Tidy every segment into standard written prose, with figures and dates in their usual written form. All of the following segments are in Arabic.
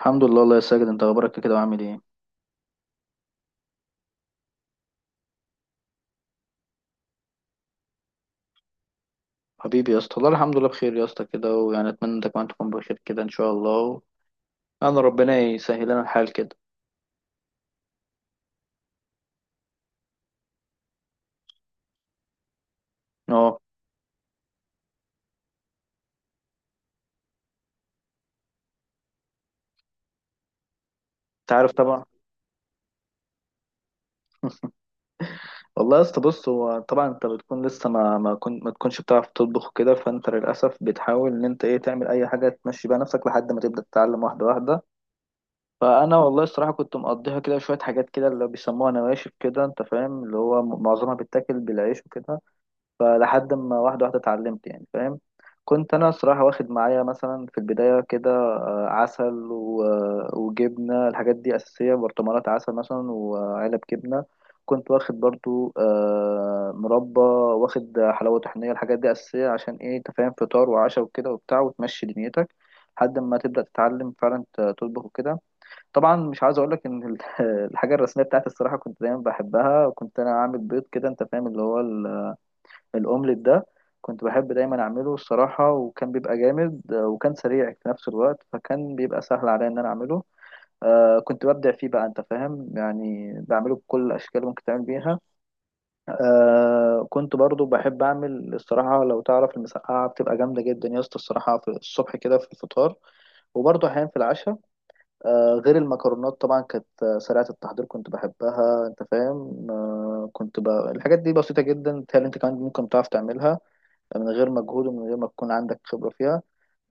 الحمد لله الله يا ساجد، انت اخبارك كده وعامل ايه؟ حبيبي يا اسطى، والله الحمد لله بخير يا اسطى كده، ويعني اتمنى انت كمان تكون بخير كده ان شاء الله. انا ربنا يسهل لنا الحال كده. اه. انت عارف طبعا. والله يا اسطى، بص، هو طبعا انت بتكون لسه ما تكونش بتعرف تطبخ كده، فانت للاسف بتحاول ان انت ايه تعمل اي حاجه تمشي بيها نفسك لحد ما تبدا تتعلم واحده واحده. فانا والله الصراحه كنت مقضيها كده شويه حاجات كده اللي بيسموها نواشف كده، انت فاهم، اللي هو معظمها بتاكل بالعيش وكده. فلحد ما واحدة واحدة اتعلمت، يعني فاهم. كنت أنا صراحة واخد معايا مثلا في البداية كده عسل وجبنة، الحاجات دي أساسية، برطمانات عسل مثلا وعلب جبنة. كنت واخد برضو مربى، واخد حلاوة طحينية، الحاجات دي أساسية عشان إيه، أنت فاهم، فطار وعشاء وكده وبتاع وتمشي دنيتك. لحد ما تبدأ تتعلم فعلا تطبخ وكده. طبعا مش عايز أقول لك إن الحاجة الرسمية بتاعتي الصراحة كنت دايما بحبها، وكنت أنا عامل بيض كده، أنت فاهم، اللي هو الأومليت ده. كنت بحب دايما أعمله الصراحة، وكان بيبقى جامد وكان سريع في نفس الوقت، فكان بيبقى سهل عليا إن أنا أعمله. كنت ببدع فيه بقى، أنت فاهم، يعني بعمله بكل الأشكال اللي ممكن تعمل بيها. كنت برضو بحب أعمل الصراحة، لو تعرف المسقعة بتبقى جامدة جدا يا اسطى الصراحة في الصبح كده في الفطار، وبرضو أحيانا في العشاء. غير المكرونات طبعا، كانت سريعة التحضير، كنت بحبها، أنت فاهم. الحاجات دي بسيطة جدا، بتهيألي أنت كمان ممكن تعرف تعملها من غير مجهود ومن غير ما تكون عندك خبرة فيها.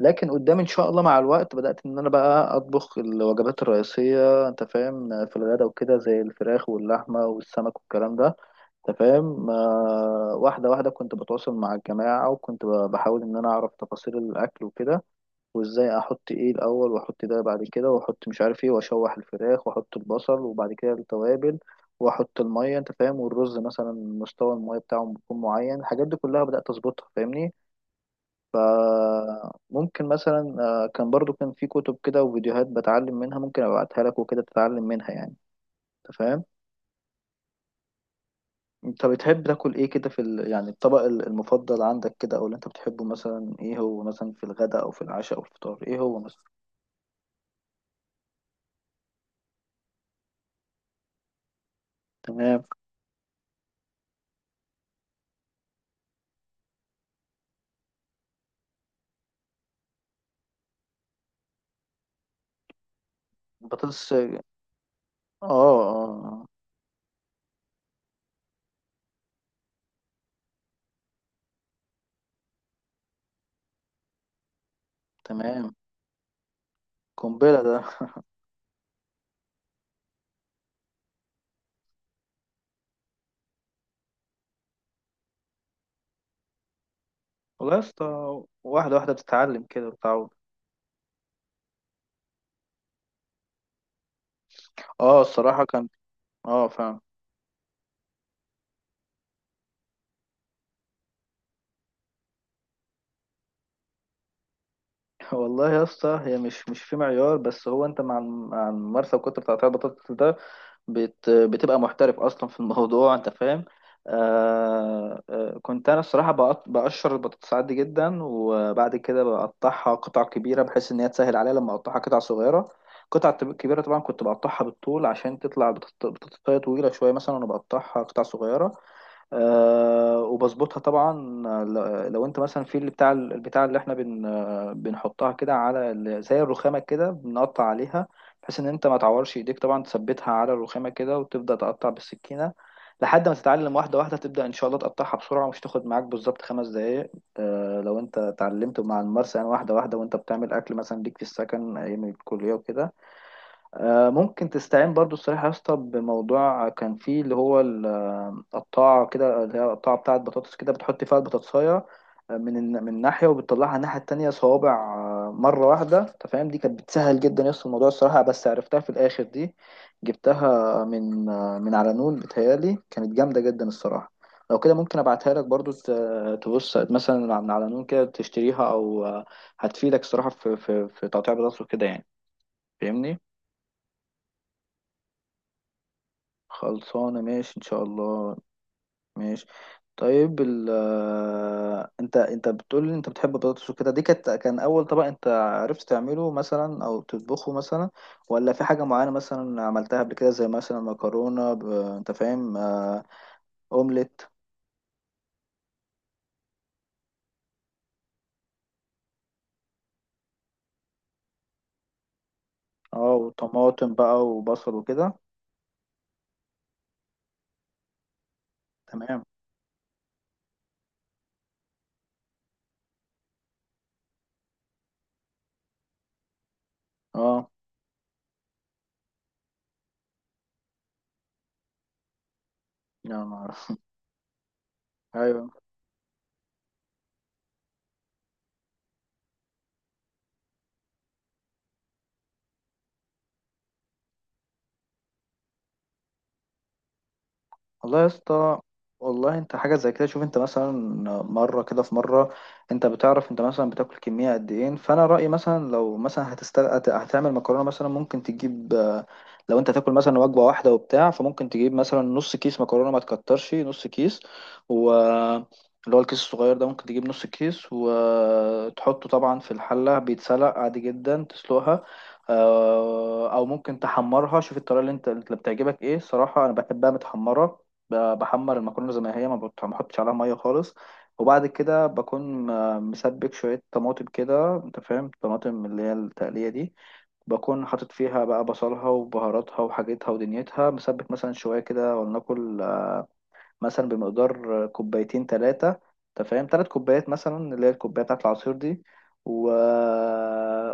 لكن قدام ان شاء الله مع الوقت بدأت ان انا بقى اطبخ الوجبات الرئيسية، انت فاهم، في الغداء وكده، زي الفراخ واللحمة والسمك والكلام ده، انت فاهم، واحدة واحدة كنت بتواصل مع الجماعة، وكنت بحاول ان انا اعرف تفاصيل الاكل وكده. وازاي احط ايه الاول، واحط ده بعد كده، واحط مش عارف ايه، واشوح الفراخ واحط البصل وبعد كده التوابل واحط المية، انت فاهم، والرز مثلا مستوى المية بتاعه بيكون معين، الحاجات دي كلها بدأت اظبطها، فاهمني. فممكن مثلا كان برضو كان في كتب كده وفيديوهات بتعلم منها، ممكن ابعتها لك وكده تتعلم منها يعني. انت فاهم. انت بتحب تاكل ايه كده في يعني الطبق المفضل عندك كده، او اللي انت بتحبه مثلا، ايه هو مثلا في الغداء او في العشاء او الفطار، ايه هو مثلا؟ تمام. بطاطس، اه. اه، آه، تمام. قنبلة ده! والله يا اسطى، واحدة واحدة بتتعلم كده وتتعود. اه الصراحة كان. اه فاهم. والله يا اسطى، هي مش في معيار، بس هو انت مع مع الممارسه وكتر بتاع البطاطس ده بتبقى محترف اصلا في الموضوع، انت فاهم. كنت انا الصراحه بقشر البطاطس عادي جدا، وبعد كده بقطعها قطع كبيره، بحيث ان هي تسهل عليا لما اقطعها قطع صغيره. قطع كبيره طبعا كنت بقطعها بالطول، عشان تطلع بطاطس بطاطساية طويله شويه مثلا، وانا بقطعها قطع صغيره. وبظبطها طبعا. لو انت مثلا في اللي بتاع البتاع اللي احنا بن آه، بنحطها كده على زي الرخامه كده، بنقطع عليها، بحيث ان انت ما تعورش ايديك، طبعا تثبتها على الرخامه كده وتبدا تقطع بالسكينه. لحد ما تتعلم واحده واحده، تبدا ان شاء الله تقطعها بسرعه، مش تاخد معاك بالظبط 5 دقائق. لو انت اتعلمت مع الممارسه، يعني واحده واحده، وانت بتعمل اكل مثلا ليك في السكن ايام الكليه وكده. ممكن تستعين برضو الصراحة يا اسطى بموضوع كان فيه اللي هو القطاعة كده، اللي هي القطاعة بتاعة بطاطس كده، بتحط فيها البطاطساية من ناحية وبتطلعها الناحية التانية صوابع مرة واحدة، أنت فاهم. دي كانت بتسهل جدا يا اسطى الموضوع الصراحة، بس عرفتها في الآخر دي، جبتها من على نون، بتهيالي كانت جامدة جدا الصراحة. لو كده ممكن ابعتها لك برضو تبص مثلا من على نون كده، تشتريها او هتفيدك الصراحة في تقطيع بطاطس وكده يعني، فاهمني. خلصانة، ماشي إن شاء الله. ماشي. طيب ال آه، انت انت بتقول لي انت بتحب البطاطس وكده، دي كانت كان اول طبق انت عرفت تعمله مثلا او تطبخه مثلا؟ ولا في حاجة معينة مثلا عملتها قبل كده، زي مثلا مكرونة انت فاهم، اومليت. اه، وطماطم بقى وبصل وكده. تمام. اه. يا نهار! ايوه. والله يا اسطى، والله انت حاجه زي كده، شوف انت مثلا مره كده في مره، انت بتعرف انت مثلا بتاكل كميه قد ايه؟ فانا رايي مثلا، لو مثلا هتعمل مكرونه مثلا، ممكن تجيب لو انت تاكل مثلا وجبه واحده وبتاع، فممكن تجيب مثلا نص كيس مكرونه، ما تكترش، نص كيس. و اللي هو الكيس الصغير ده، ممكن تجيب نص كيس وتحطه طبعا في الحله، بيتسلق عادي جدا، تسلقها او ممكن تحمرها، شوف الطريقه اللي انت اللي بتعجبك ايه، صراحه انا بحبها متحمره. بحمر المكرونه زي ما هي، ما بحطش عليها ميه خالص. وبعد كده بكون مسبك شويه طماطم كده، انت فاهم، طماطم اللي هي التقليه دي، بكون حاطط فيها بقى بصلها وبهاراتها وحاجتها ودنيتها، مسبك مثلا شويه كده، ولناكل مثلا بمقدار كوبايتين تلاتة، انت فاهم، 3 كوبايات مثلا، اللي هي الكوباية بتاعة العصير دي. و...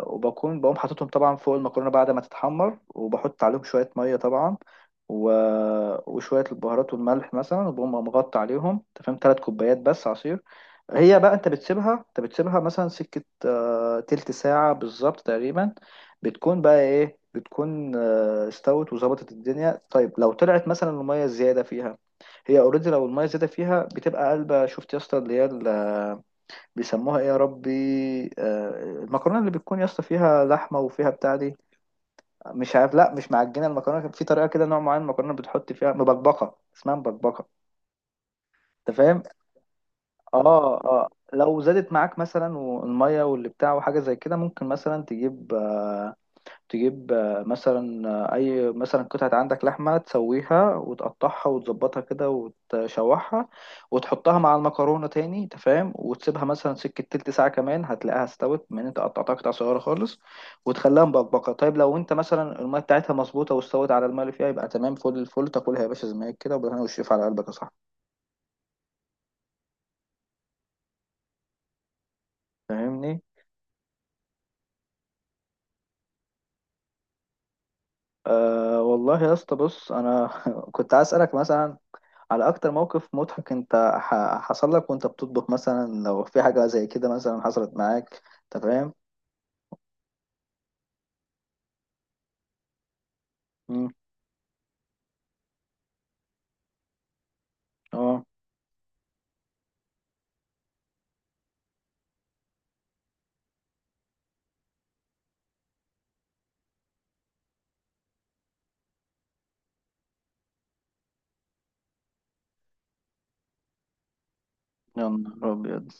وبكون بقوم حاططهم طبعا فوق المكرونة بعد ما تتحمر، وبحط عليهم شوية مية طبعا، و... وشوية البهارات والملح مثلا، وبقوم مغطي عليهم، انت فاهم، تلات كوبايات بس عصير. هي بقى انت بتسيبها، انت بتسيبها مثلا سكة تلت ساعة بالظبط تقريبا، بتكون بقى ايه، بتكون استوت وظبطت الدنيا. طيب لو طلعت مثلا المية الزيادة فيها، هي اوريدي لو الميه زادت فيها بتبقى قلبه، شفت يا اسطى، اللي هي بيسموها ايه يا ربي، آه، المكرونه اللي بتكون يا اسطى فيها لحمه وفيها بتاع دي، مش عارف، لا مش معجنه المكرونه، كان في طريقه كده، نوع معين المكرونه بتحط فيها مبكبقه، اسمها مبكبقه، انت فاهم. اه اه لو زادت معاك مثلا والميه واللي بتاع وحاجه زي كده، ممكن مثلا تجيب مثلا اي مثلا قطعة عندك لحمة، تسويها وتقطعها وتظبطها كده وتشوحها وتحطها مع المكرونة تاني، انت فاهم، وتسيبها مثلا سكة تلت ساعة كمان، هتلاقيها استوت من انت قطعتها قطع صغيرة خالص، وتخليها مبقبقة. طيب لو انت مثلا المية بتاعتها مظبوطة واستوت على المية اللي فيها، يبقى تمام فل الفل، تاكلها يا باشا زي ما هي كده وبالهنا والشفا على قلبك يا صاحبي، فاهمني. والله يا اسطى بص انا كنت عايز اسالك مثلا على اكتر موقف مضحك انت حصل لك وانت بتطبخ مثلا، لو في حاجة زي كده مثلا حصلت معاك، انت فاهم. مم. اه يا نهار ابيض،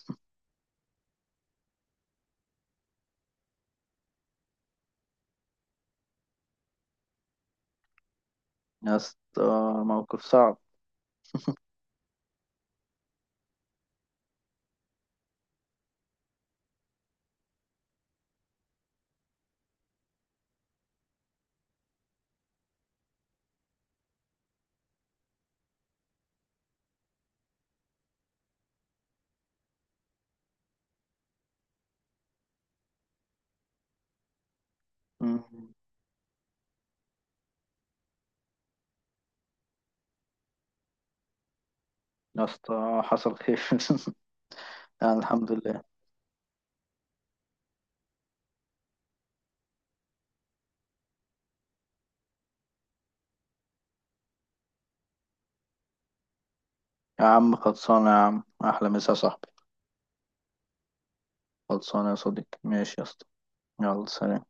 يا اسطى موقف صعب. مم. يا اسطى حصل خير يعني الحمد لله. يا عم خلصانة، يا عم احلى مسا يا صاحبي. خلصانة يا صديقي، ماشي يا اسطى. يلا سلام.